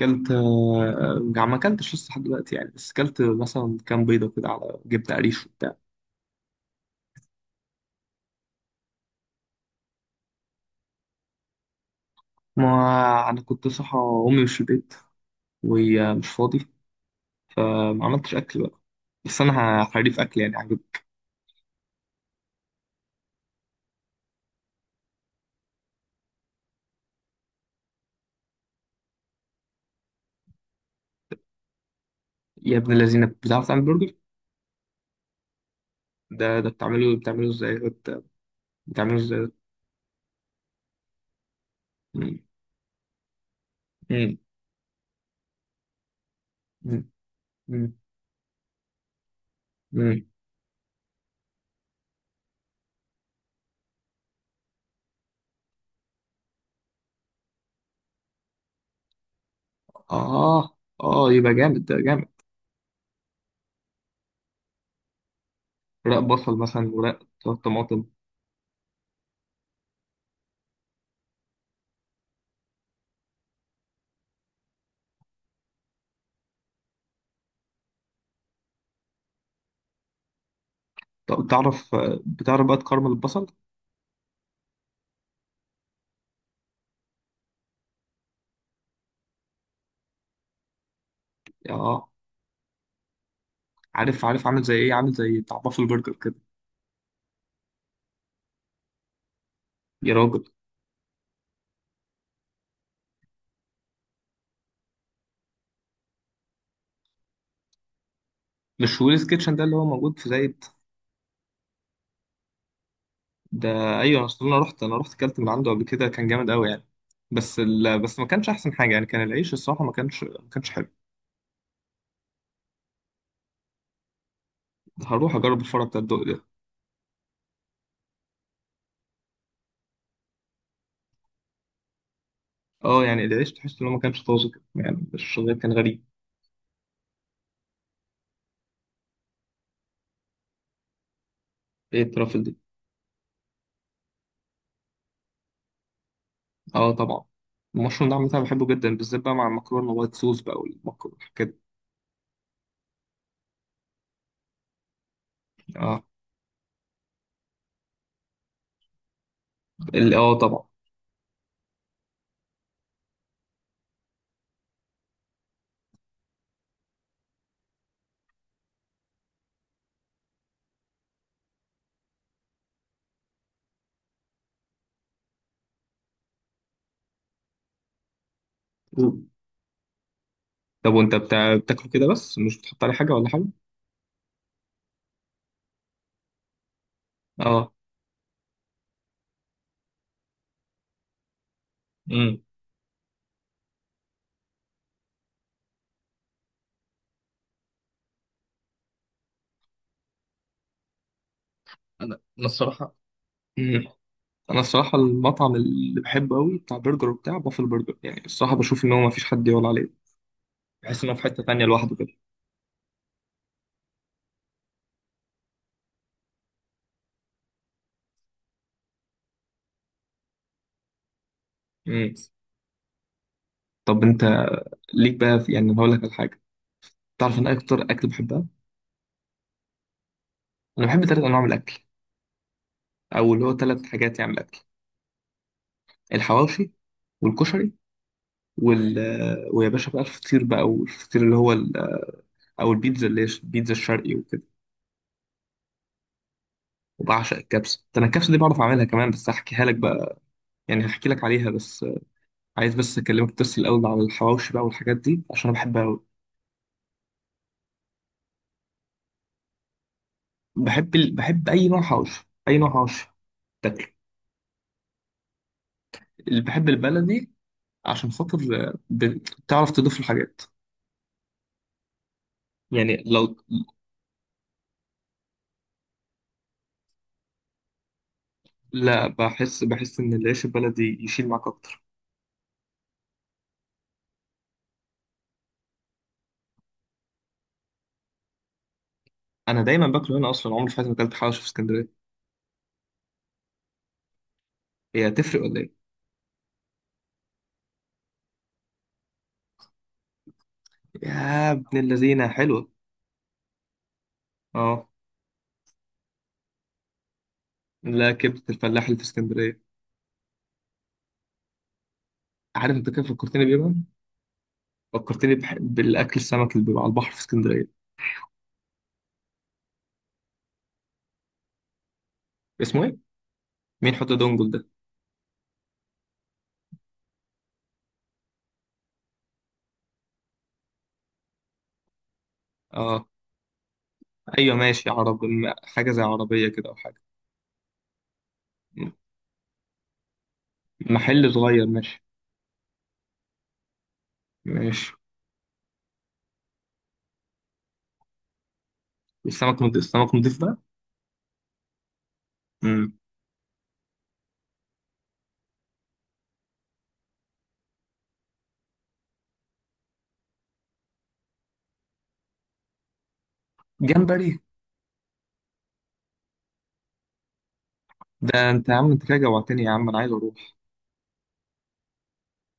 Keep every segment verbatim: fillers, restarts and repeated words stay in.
كلت آه، آه، ما كلتش لسه لحد دلوقتي يعني، بس كلت مثلا كام بيضة كده على جبنة قريش وبتاع. ما أنا كنت صحى، أمي مش في البيت وهي مش فاضي، فما عملتش أكل بقى. بس أنا حريف أكل يعني، عجب. يا ابن الذين، بتعرف تعمل برجر؟ ده ده بتعمله بتعمله إزاي بت- بتعمله إزاي؟ مم، مم، مم، مم، مم. آه، آه يبقى جامد، ده جامد. رق بصل مثلا، ورق طماطم. طب تعرف، بتعرف بقى تكرمل البصل؟ آه. عارف عارف، عامل زي ايه، عامل زي بتاع بافل برجر كده. يا راجل، مش ويلز كيتشن ده اللي هو موجود في زايد؟ ده ايوه، اصل انا رحت، انا رحت اكلت من عنده قبل كده، كان جامد قوي يعني. بس ال... بس ما كانش احسن حاجه يعني، كان العيش الصراحه ما كانش، ما كانش حلو. هروح اجرب الفرع بتاع الدق ده. اه يعني العيش تحس ان هو ما كانش طازج يعني، مش غير كان غريب. ايه الترافل دي؟ اه طبعا. المشروم ده عامة أنا بحبه جدا، بالذات بقى مع المكرونه وايت صوص بقى، والمكرونه والحاجات دي. اه، ال- اه طبعا. طب وانت بتاع... بتاكله كده بس، مش بتحط عليه حاجه ولا حاجه؟ اه. امم. انا انا الصراحه. امم. انا الصراحه المطعم اللي بحبه قوي بتاع برجر وبتاع بافل برجر، يعني الصراحه بشوف ان هو ما فيش حد يقول عليه. بحس ان هو في حته تانية لوحده كده. امم. طب انت ليك بقى في يعني، أنا هقول لك على حاجه. تعرف ان اكتر اكل بحبها، انا بحب ثلاث انواع من الاكل، او اللي هو ثلاث حاجات يعني من الاكل. الحواوشي والكشري وال، ويا باشا بقى الفطير، بقى والفطير اللي هو ال، او البيتزا اللي هي البيتزا الشرقي وكده. وبعشق الكبسه، ده انا الكبسه دي بعرف اعملها كمان، بس هحكيها لك بقى. يعني هحكي لك عليها بس. عايز بس اكلمك بس الاول على الحواوشي بقى والحاجات دي عشان انا بحبها قوي. بحب ال... بحب اي نوع حواوشي، اي نوع حواوشي تاكله. اللي بحب البلدي، عشان خاطر آه، بتعرف تضيف الحاجات. يعني لو، لا بحس، بحس ان العيش البلدي يشيل معاك اكتر. انا دايما باكله هنا، اصلا عمري في حياتي ما اكلت حواوشي في اسكندريه. هي هتفرق ولا ايه؟ يا ابن اللذينه حلوه. اه. لا، كبده الفلاح اللي في اسكندريه. عارف انت كيف فكرتني بيه بقى؟ فكرتني بح... بالاكل السمك اللي بيبقى على البحر في اسكندريه. اسمه ايه؟ مين حط دونجل ده؟ اه ايوه ماشي، عرب الم- حاجه زي عربيه كده او حاجه. م- محل صغير، ماشي. ماشي. السمك نضيف، السمك نضيف بقى. امم. جمبري؟ ده انت يا عم، انت كده جوعتني يا عم، انا عايز اروح.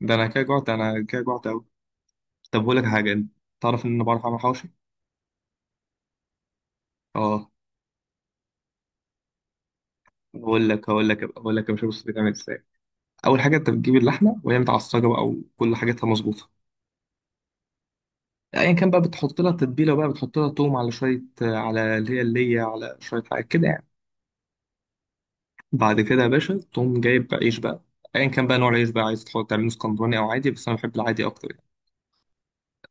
ده انا كده جوعت، انا كده جوعت قوي. طب بقول لك حاجه انت، تعرف ان انا بعرف اعمل حواوشي. اه. بقول لك هقول لك هقول لك يا باشا، بص بتعمل ازاي. اول حاجه انت بتجيب اللحمه وهي متعصجه بقى وكل حاجتها مظبوطه. ايا كان بقى، بتحط لها تتبيله بقى، بتحط لها توم على شويه، على اللي هي اللي هي على شويه حاجات كده يعني. بعد كده يا باشا تقوم جايب بقى عيش بقى. ايا كان بقى نوع العيش بقى، عايز تحط تعمله اسكندراني او عادي، بس انا بحب العادي اكتر يعني.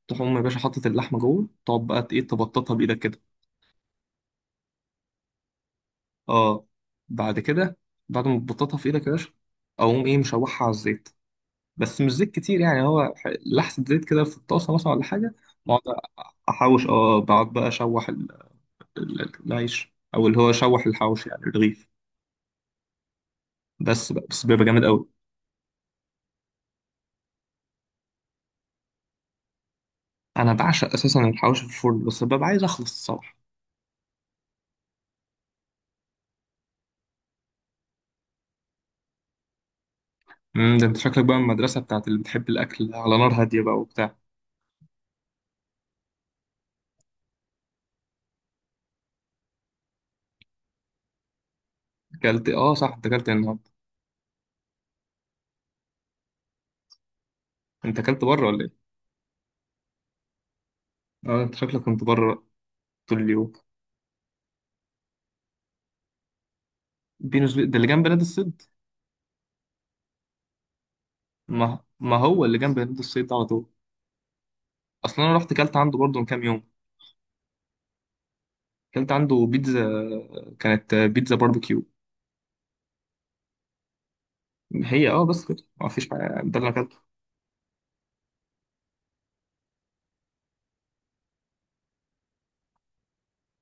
تقوم يا باشا حاطط اللحمه جوه، تقعد بقى ايه، تبططها بايدك كده. اه. بعد كده، بعد ما تبططها في ايدك يا باشا، اقوم ايه مشوحها على الزيت. بس مش زيت كتير يعني، هو ح- لحسه زيت كده في الطاسه مثلا ولا حاجه. بقعد احوش، اه بقعد بقى اشوح ال، ال- العيش او اللي هو اشوح الحوش يعني الرغيف. بس بقى، بس بيبقى جامد قوي. انا بعشق اساسا الحوش في الفرن، بس ببقى عايز اخلص الصراحه. امم. ده انت شكلك بقى من المدرسه بتاعت اللي بتحب الاكل على نار هاديه بقى وبتاع. اكلت، اه صح، انت اكلت إيه النهارده؟ انت اكلت بره ولا ايه؟ اه انت شكلك كنت بره بقى طول اليوم. بينوس بي... ده اللي جنب نادي الصيد؟ ما ما هو اللي جنب نادي الصيد ده على طول. اصلا انا رحت اكلت عنده برضه من كام يوم. اكلت عنده بيتزا، كانت بيتزا باربيكيو. هي اه بس كده، ما فيش بقى، ده اللي اكلته.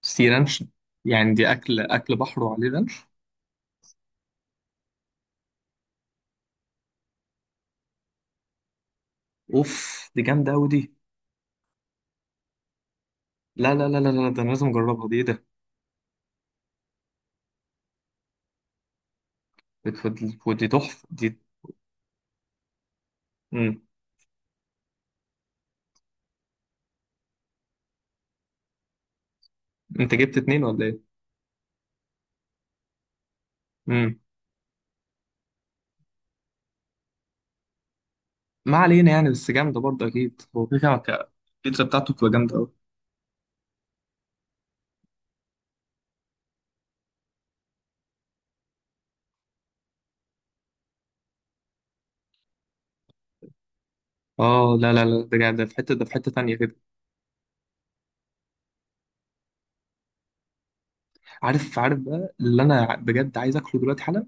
سي رانش، يعني دي اكل، اكل بحر وعليه رانش؟ اوف، دي جامده قوي دي. لا لا لا لا لا، ده انا لازم اجربها دي، ايه ده. بت- بت- دي تحفه دي. مم. انت جبت اتنين ولا ايه؟ امم. ما علينا يعني، بس جامده برضه اكيد، هو كده كده ك. البيتزا بتاعته بتبقى جامده قوي. اه لا لا لا، ده جا- ده في حته، ده في حته تانيه كده. عارف عارف بقى، اللي انا ع- بجد عايز اكله دلوقتي حالا،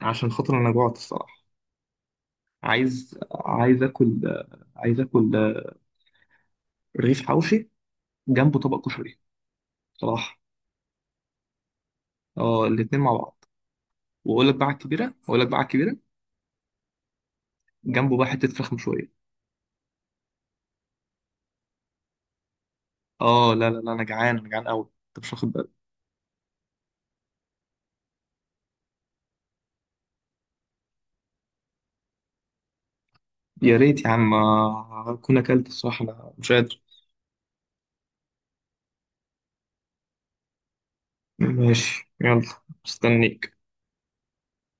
عشان خاطر انا جوعت الصراحه. عايز، عايز اكل آه، عايز اكل آه، رغيف حوشي جنبه طبق كشري. صراحه. اه الاتنين مع بعض. واقول لك بقى على الكبيره، واقول لك بقى على الكبيره جنبه بقى حته فراخ مشويه. اه لا لا لا، انا جعان، انا جعان قوي، انت مش واخد بالك. يا ريت يا عم، آه، اكون اكلت الصراحه، انا مش قادر. ماشي، يلا. مستنيك.